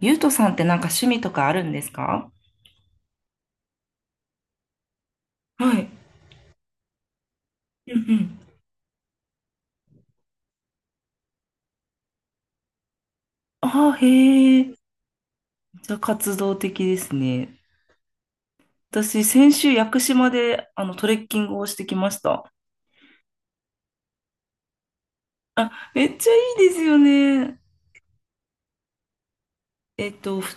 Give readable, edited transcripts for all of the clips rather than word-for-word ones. ゆうとさんってなんか趣味とかあるんですか？はい。うんうん。ああ、へえ。じゃあ活動的ですね。私、先週、屋久島で、トレッキングをしてきました。あ、めっちゃいいですよね。えっと、ふ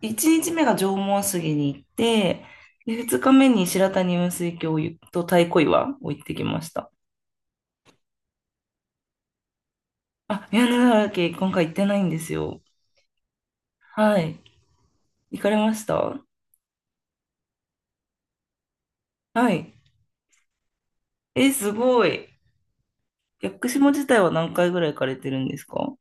一日目が縄文杉に行って、で、二日目に白谷雲水峡と太鼓岩を行ってきました。あ、宮根ヶ岳、今回行ってないんですよ。はい。行かれました？はい。え、すごい。屋久島自体は何回ぐらい行かれてるんですか？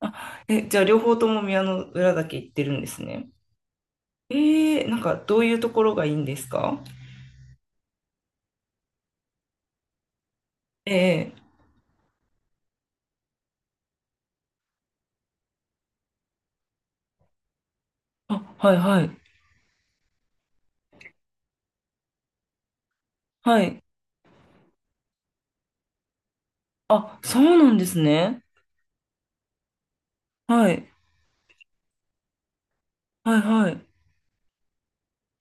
あ、え、じゃあ両方とも宮の浦岳行ってるんですね。えー、なんかどういうところがいいんですか？ええ、あ、はいはい。はい。あ、そうなんですね。はい。はいはい。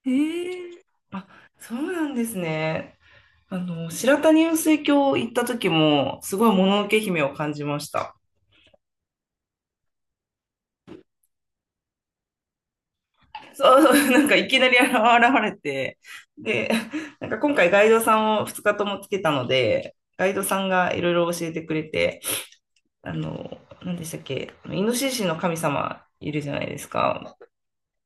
ええ、あ、そうなんですね。白谷雲水峡行った時も、すごいもののけ姫を感じました。そうそう、なんかいきなり現れて、で、なんか今回ガイドさんを2日ともつけたので、ガイドさんがいろいろ教えてくれて、あの、何でしたっけ、イノシシの神様いるじゃないですか。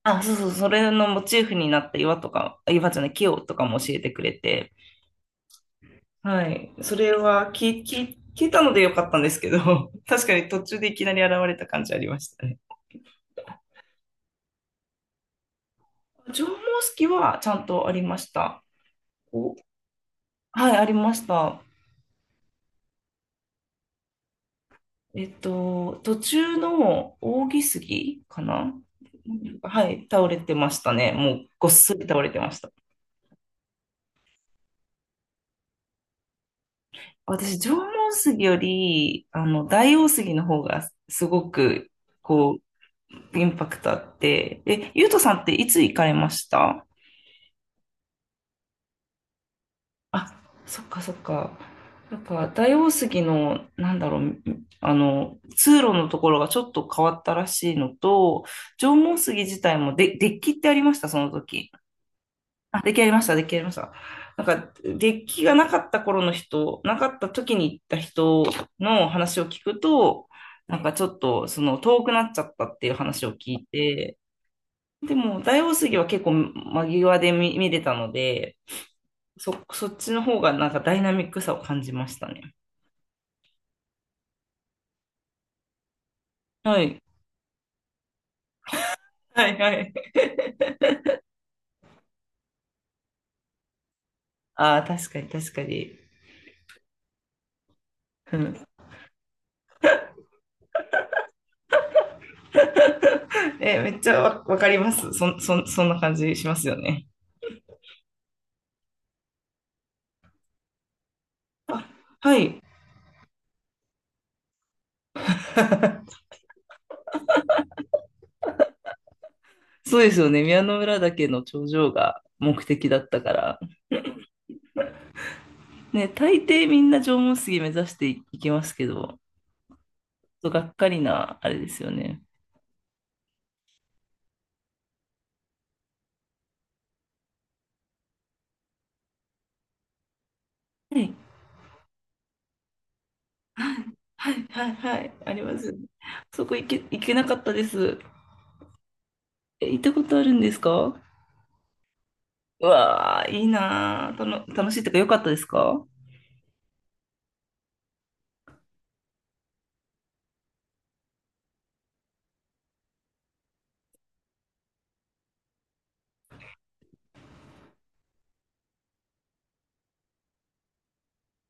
あ、そうそう、それのモチーフになった岩とか、あ岩じゃない、木をとかも教えてくれて、はい、それは聞いたのでよかったんですけど、確かに途中でいきなり現れた感じありましたね。縄文式はちゃんとありました。お、はい、ありました。えっと、途中の扇杉かな。はい、倒れてましたね。もうごっそり倒れてました。私、縄文杉より、大王杉の方がすごく、こう、インパクトあって。え、ゆうとさんっていつ行かれました？あ、そっかそっか。なんか、大王杉の、なんだろう、あの、通路のところがちょっと変わったらしいのと、縄文杉自体もで、デッキってありました、その時。あ、出来上がりました、出来上がりました。なんか、デッキがなかった頃の人、なかった時に行った人の話を聞くと、なんかちょっと、その、遠くなっちゃったっていう話を聞いて、でも、大王杉は結構間際で見れたので、そっちの方がなんかダイナミックさを感じましたね。はい。はいはい。ああ、確かに確かに。うん。え、めっちゃわかります。そんな感じしますよね。はい。そうですよね。宮之浦岳の頂上が目的だったから。ね、大抵みんな縄文杉目指していきますけど、がっかりな、あれですよね。はい、はい、はい、はい、あります。そこ行け、行けなかったです。え、行ったことあるんですか？うわー、いいなー。楽しいとか良かったですか？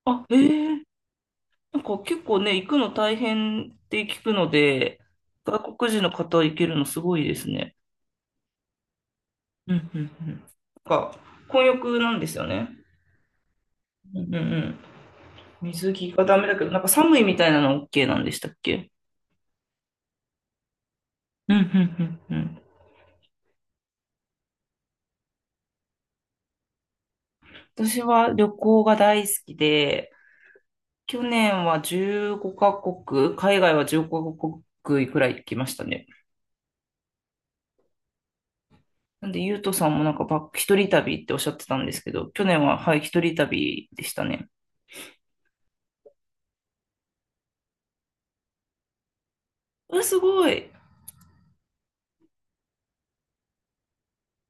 あ、ええ、なんか結構ね、行くの大変って聞くので、外国人の方行けるのすごいですね。うん、うん、うん。なんか、混浴なんですよね。うんうん。水着がダメだけど、なんか寒いみたいなの OK なんでしたっけ？うんうんうんうん。私は旅行が大好きで、去年は15カ国、海外は15カ国くらい行きましたね。なんで、ゆうとさんもなんかバック、一人旅っておっしゃってたんですけど、去年は、はい、一人旅でしたね。うわ、すごい。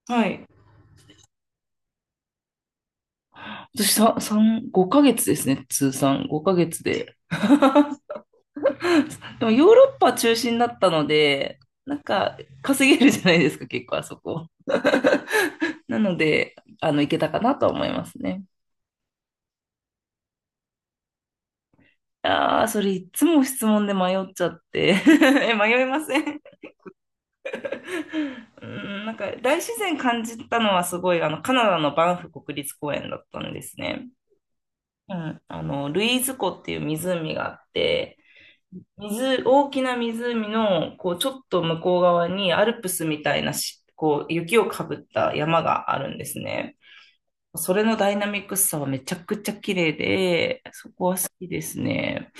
はい。私さ、3、5ヶ月ですね、通算。5ヶ月で。でもヨーロッパ中心だったので、なんか稼げるじゃないですか、結構あそこ。なので、あの、行けたかなとは思いますね。ああ、それいつも質問で迷っちゃって。え、迷いません？うん、なんか大自然感じたのはすごい、あの、カナダのバンフ国立公園だったんですね。うん、あの、ルイーズ湖っていう湖があって、水、大きな湖の、こう、ちょっと向こう側にアルプスみたいなし、こう、雪をかぶった山があるんですね。それのダイナミックさはめちゃくちゃ綺麗で、そこは好きですね。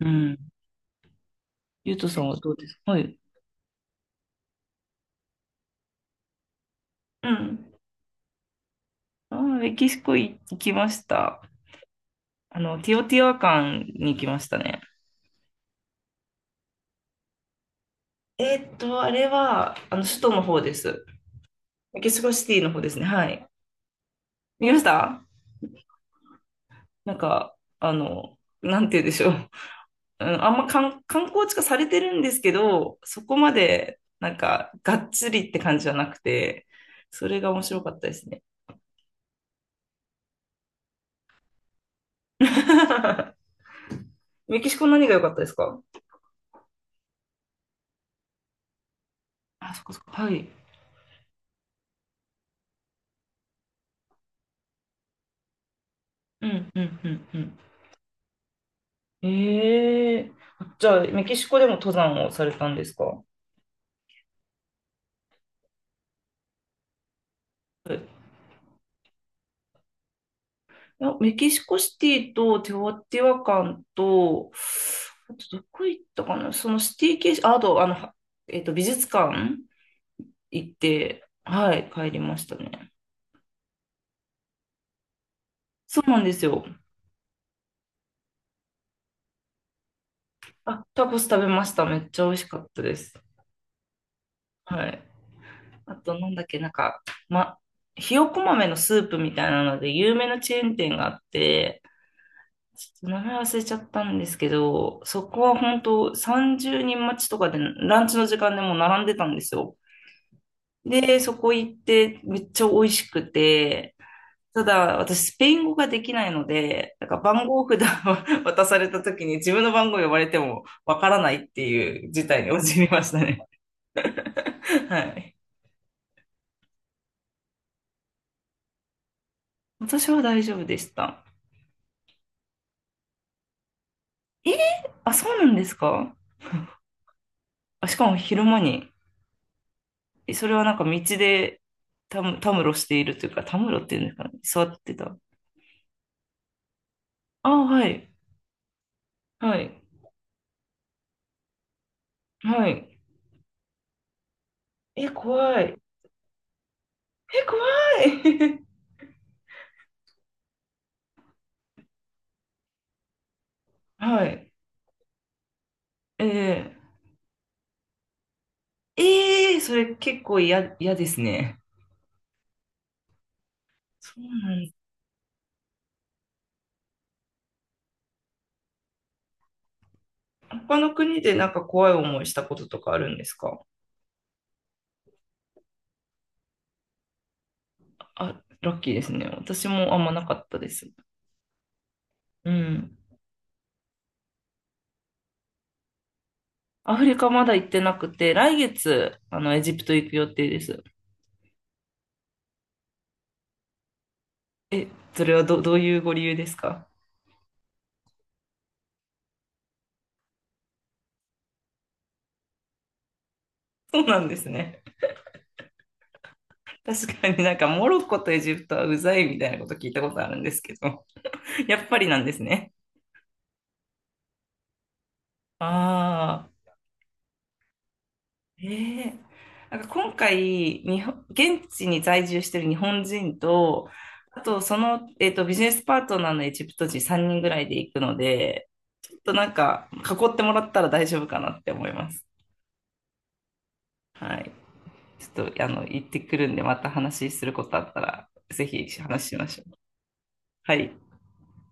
うん。ゆうとさんはどうですか？はい。うん。あー、メキシコ行きました。あの、ティオティワカンに行きましたね。えーっと、あれは、あの、首都の方です。メキシコシティの方ですね。はい。見ました？なんか、あの、なんて言うんでしょう。うん、あんま観光地化されてるんですけど、そこまでなんかがっつりって感じじゃなくて、それが面白かったですね。メキシコ何が良かったですか？あ、そっかそっか。はい。うん、うん、うん、うん。ええ、じゃあ、メキシコでも登山をされたんですか？はい、いや、メキシコシティとテオティワカンと、あとどこ行ったかな、そのシティ系、ああと、あの、は、えっと、美術館行って、はい、帰りましたね。そうなんですよ。あ、タコス食べました。めっちゃ美味しかったです。はい。あと、なんだっけ、ま、ひよこ豆のスープみたいなので、有名なチェーン店があって、ちょっと名前忘れちゃったんですけど、そこは本当30人待ちとかで、ランチの時間でもう並んでたんですよ。で、そこ行って、めっちゃ美味しくて、ただ、私、スペイン語ができないので、なんか番号札を 渡された時に自分の番号呼ばれてもわからないっていう事態に陥りましたね。はい。私は大丈夫でした。えー、あ、そうなんですか？あ、しかも昼間に、それはなんか道でたむろしているというか、たむろっていうんですかね。座ってた。あ、はい。はい。はい。え、怖い。え、怖い。はい。えー、えー、それ結構嫌ですね。そうなんだ。他の国でなんか怖い思いしたこととかあるんですか？あ、ラッキーですね。私もあんまなかったです。うん。アフリカまだ行ってなくて、来月、あの、エジプト行く予定です。え、それはどういうご理由ですか？そうなんですね。確かになんかモロッコとエジプトはうざいみたいなこと聞いたことあるんですけど、やっぱりなんですね。ああ。ええ、なんか今回日本、現地に在住してる日本人と、あとその、えっと、ビジネスパートナーのエジプト人3人ぐらいで行くので、ちょっとなんか囲ってもらったら大丈夫かなって思います。はい。ちょっとあの行ってくるんで、また話することあったら、ぜひ話しましょう。はい。